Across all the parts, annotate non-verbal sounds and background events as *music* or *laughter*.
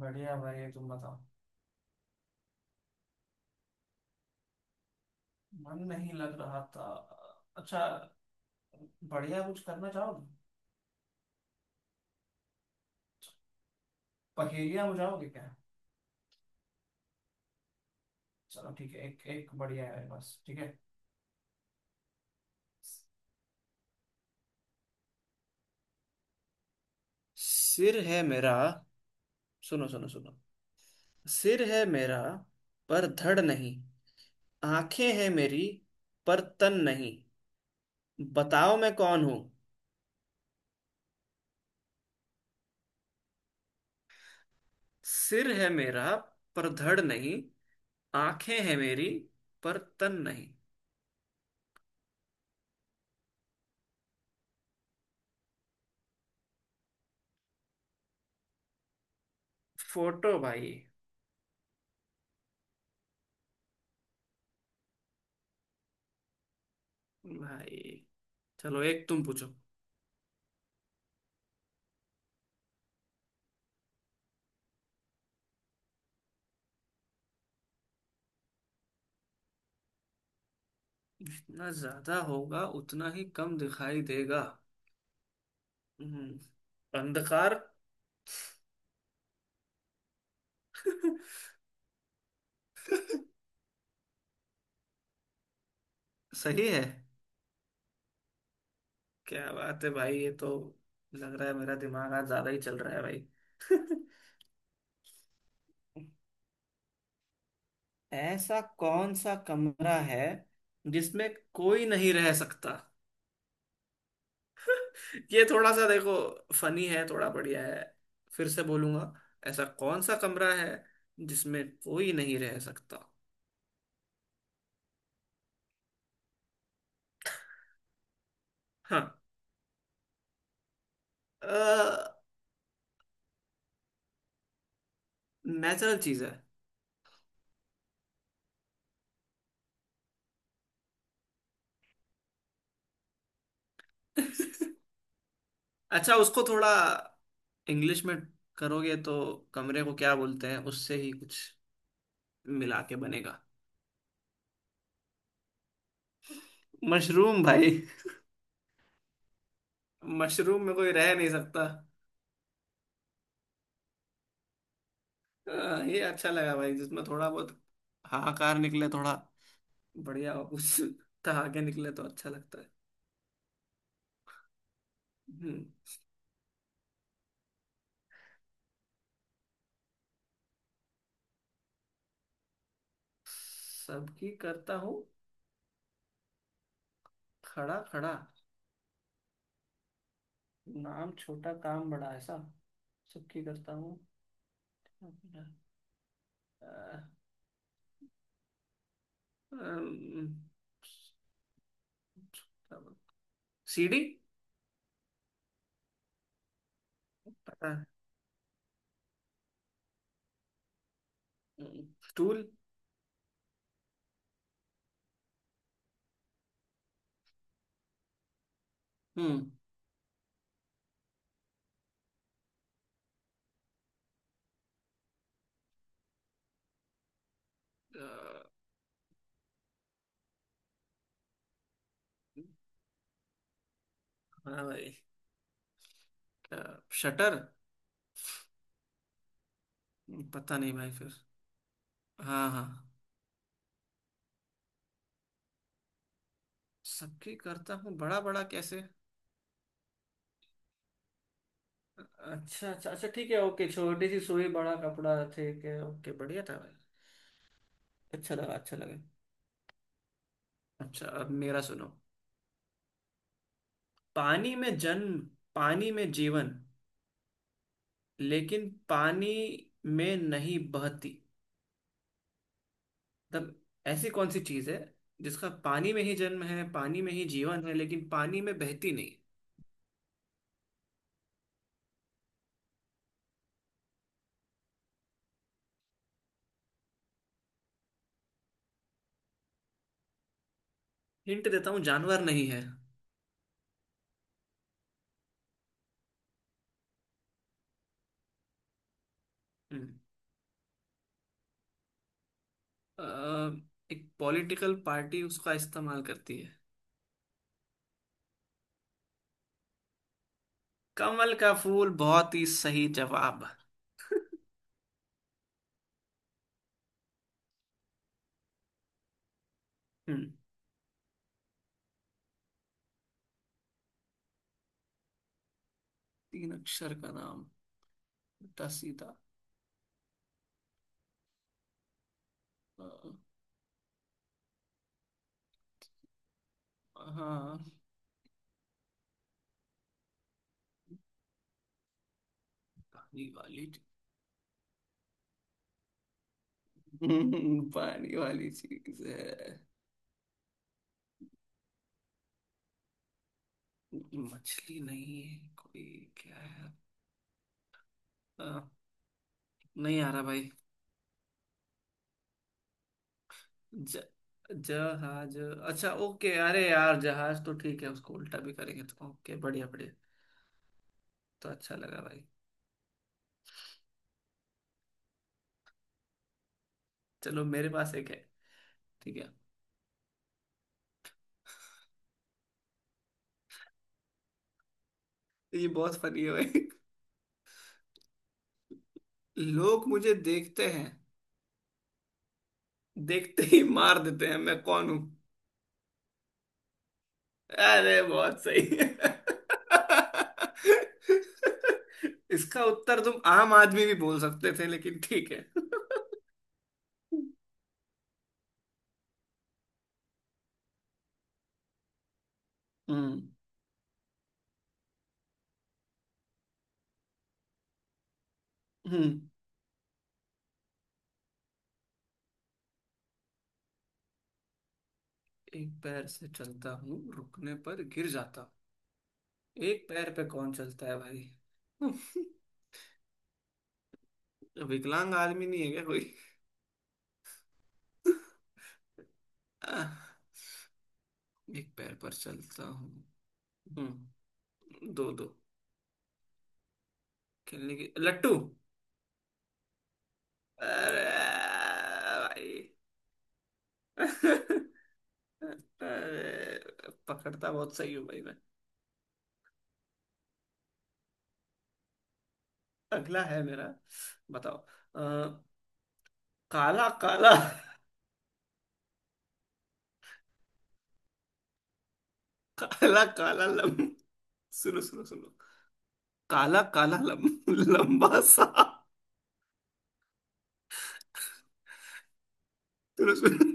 बढ़िया भाई तुम बताओ। मन नहीं लग रहा था। अच्छा। बढ़िया कुछ करना चाहोगे। पहेलियां बुझाओगे क्या। चलो ठीक है, एक एक बढ़िया है, बस ठीक है। सिर है मेरा। सुनो सुनो सुनो। सिर है मेरा पर धड़ नहीं। आंखें हैं मेरी पर तन नहीं। बताओ मैं कौन हूं। सिर है मेरा पर धड़ नहीं। आंखें हैं मेरी पर तन नहीं। फोटो भाई। भाई। चलो एक तुम पूछो। जितना ज्यादा होगा उतना ही कम दिखाई देगा। हम्म, अंधकार। *laughs* सही है। क्या बात है भाई, ये तो लग रहा है मेरा दिमाग आज ज्यादा ही चल रहा है भाई। *laughs* ऐसा कौन सा कमरा है जिसमें कोई नहीं रह सकता। *laughs* ये थोड़ा सा देखो, फनी है थोड़ा, बढ़िया है। फिर से बोलूंगा। ऐसा कौन सा कमरा है जिसमें कोई नहीं रह सकता। हाँ। नेचुरल चीज है। *laughs* अच्छा, उसको थोड़ा इंग्लिश में करोगे तो कमरे को क्या बोलते हैं उससे ही कुछ मिला के बनेगा। मशरूम भाई। मशरूम में कोई रह नहीं सकता। अ, ये अच्छा लगा भाई, जिसमें थोड़ा बहुत हाहाकार निकले थोड़ा, बढ़िया हो कुछ, ठहाके निकले तो अच्छा लगता है। हम्म। सबकी करता हूँ खड़ा खड़ा। नाम छोटा काम बड़ा ऐसा। सबकी करता हूँ। अ, अम, सीढ़ी। पता है। स्टूल। हम्म। अ, हाँ भाई, शटर। पता नहीं भाई फिर। हाँ हाँ। सबकी करता हूँ बड़ा बड़ा कैसे। अच्छा अच्छा अच्छा, ठीक है, ओके, छोटी सी सुई बड़ा कपड़ा, ठीक है ओके, बढ़िया था भाई। अच्छा लगा, अच्छा लगा। अच्छा, अब मेरा सुनो। पानी में जन्म, पानी में जीवन, लेकिन पानी में नहीं बहती। मतलब, ऐसी कौन सी चीज है जिसका पानी में ही जन्म है, पानी में ही जीवन है, लेकिन पानी में बहती नहीं। हिंट देता हूँ, जानवर नहीं है। हम्म, अ, एक पॉलिटिकल पार्टी उसका इस्तेमाल करती है। कमल का फूल, बहुत ही सही जवाब। हम्म, तीन अक्षर का नाम, उल्टा सीधा। अ, हाँ। पानी वाली चीज। हम्म, *laughs* पानी वाली चीज है। मछली नहीं है, कोई क्या है। अ, नहीं आ रहा भाई। ज जहाज, अच्छा ओके। अरे यार जहाज तो ठीक है, उसको उल्टा भी करेंगे तो ओके, बढ़िया बढ़िया। तो अच्छा लगा भाई। चलो, मेरे पास एक है, ठीक है। तो ये बहुत फनी है भाई। लोग मुझे देखते हैं, देखते ही मार देते हैं, मैं कौन हूं। अरे बहुत सही है। इसका उत्तर तुम आम आदमी भी बोल सकते थे, लेकिन ठीक है। हम्म हम्म। एक पैर से चलता हूँ, रुकने पर गिर जाता हूँ। एक पैर पे कौन चलता है भाई। *laughs* विकलांग आदमी नहीं है क्या कोई। *laughs* आह, एक पैर पर चलता हूँ। हम्म। दो दो। खेलने की, लट्टू। अरे भाई। *laughs* अरे, पकड़ता बहुत सही हूँ भाई मैं। अगला है मेरा। बताओ काला काला। *laughs* काला काला लम सुनो सुनो सुनो। काला काला लम लंबा सा। सुनो सुनो।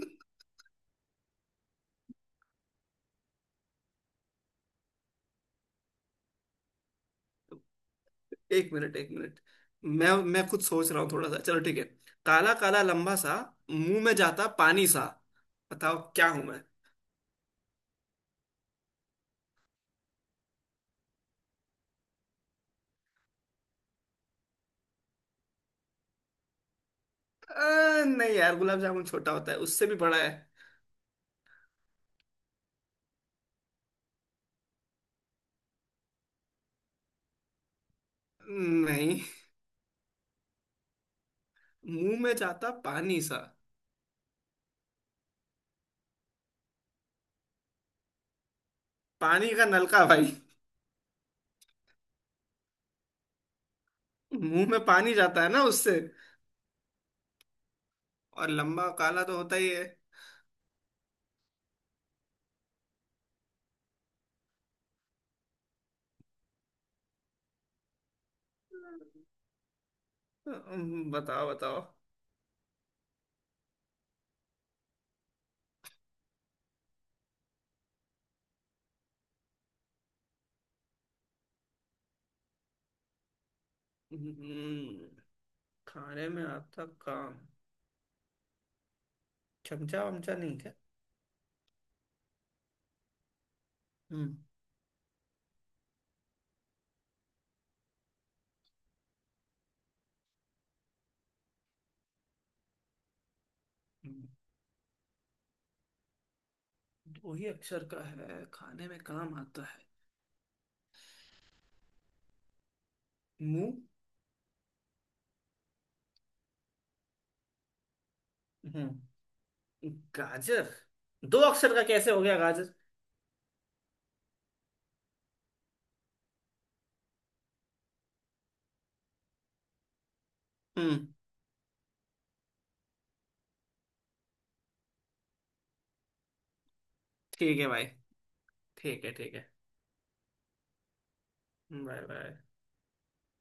एक मिनट एक मिनट। मैं खुद सोच रहा हूँ थोड़ा सा, चलो ठीक है। काला काला लंबा सा, मुंह में जाता पानी सा। बताओ क्या हूं मैं। नहीं यार, गुलाब जामुन छोटा होता है, उससे भी बड़ा है। नहीं। मुंह में जाता पानी सा। पानी का नलका भाई। मुंह में पानी जाता है ना उससे। और लंबा काला तो होता ही है। बताओ बताओ। हम्म, खाने में आता काम, चमचा वमचा नहीं क्या। हम्म। हम्म, वही अक्षर का है, खाने में काम आता है, मुंह। हम्म। गाजर। दो अक्षर का कैसे हो गया गाजर। हम्म। ठीक है भाई। ठीक है, ठीक है। हम्म, वै वै।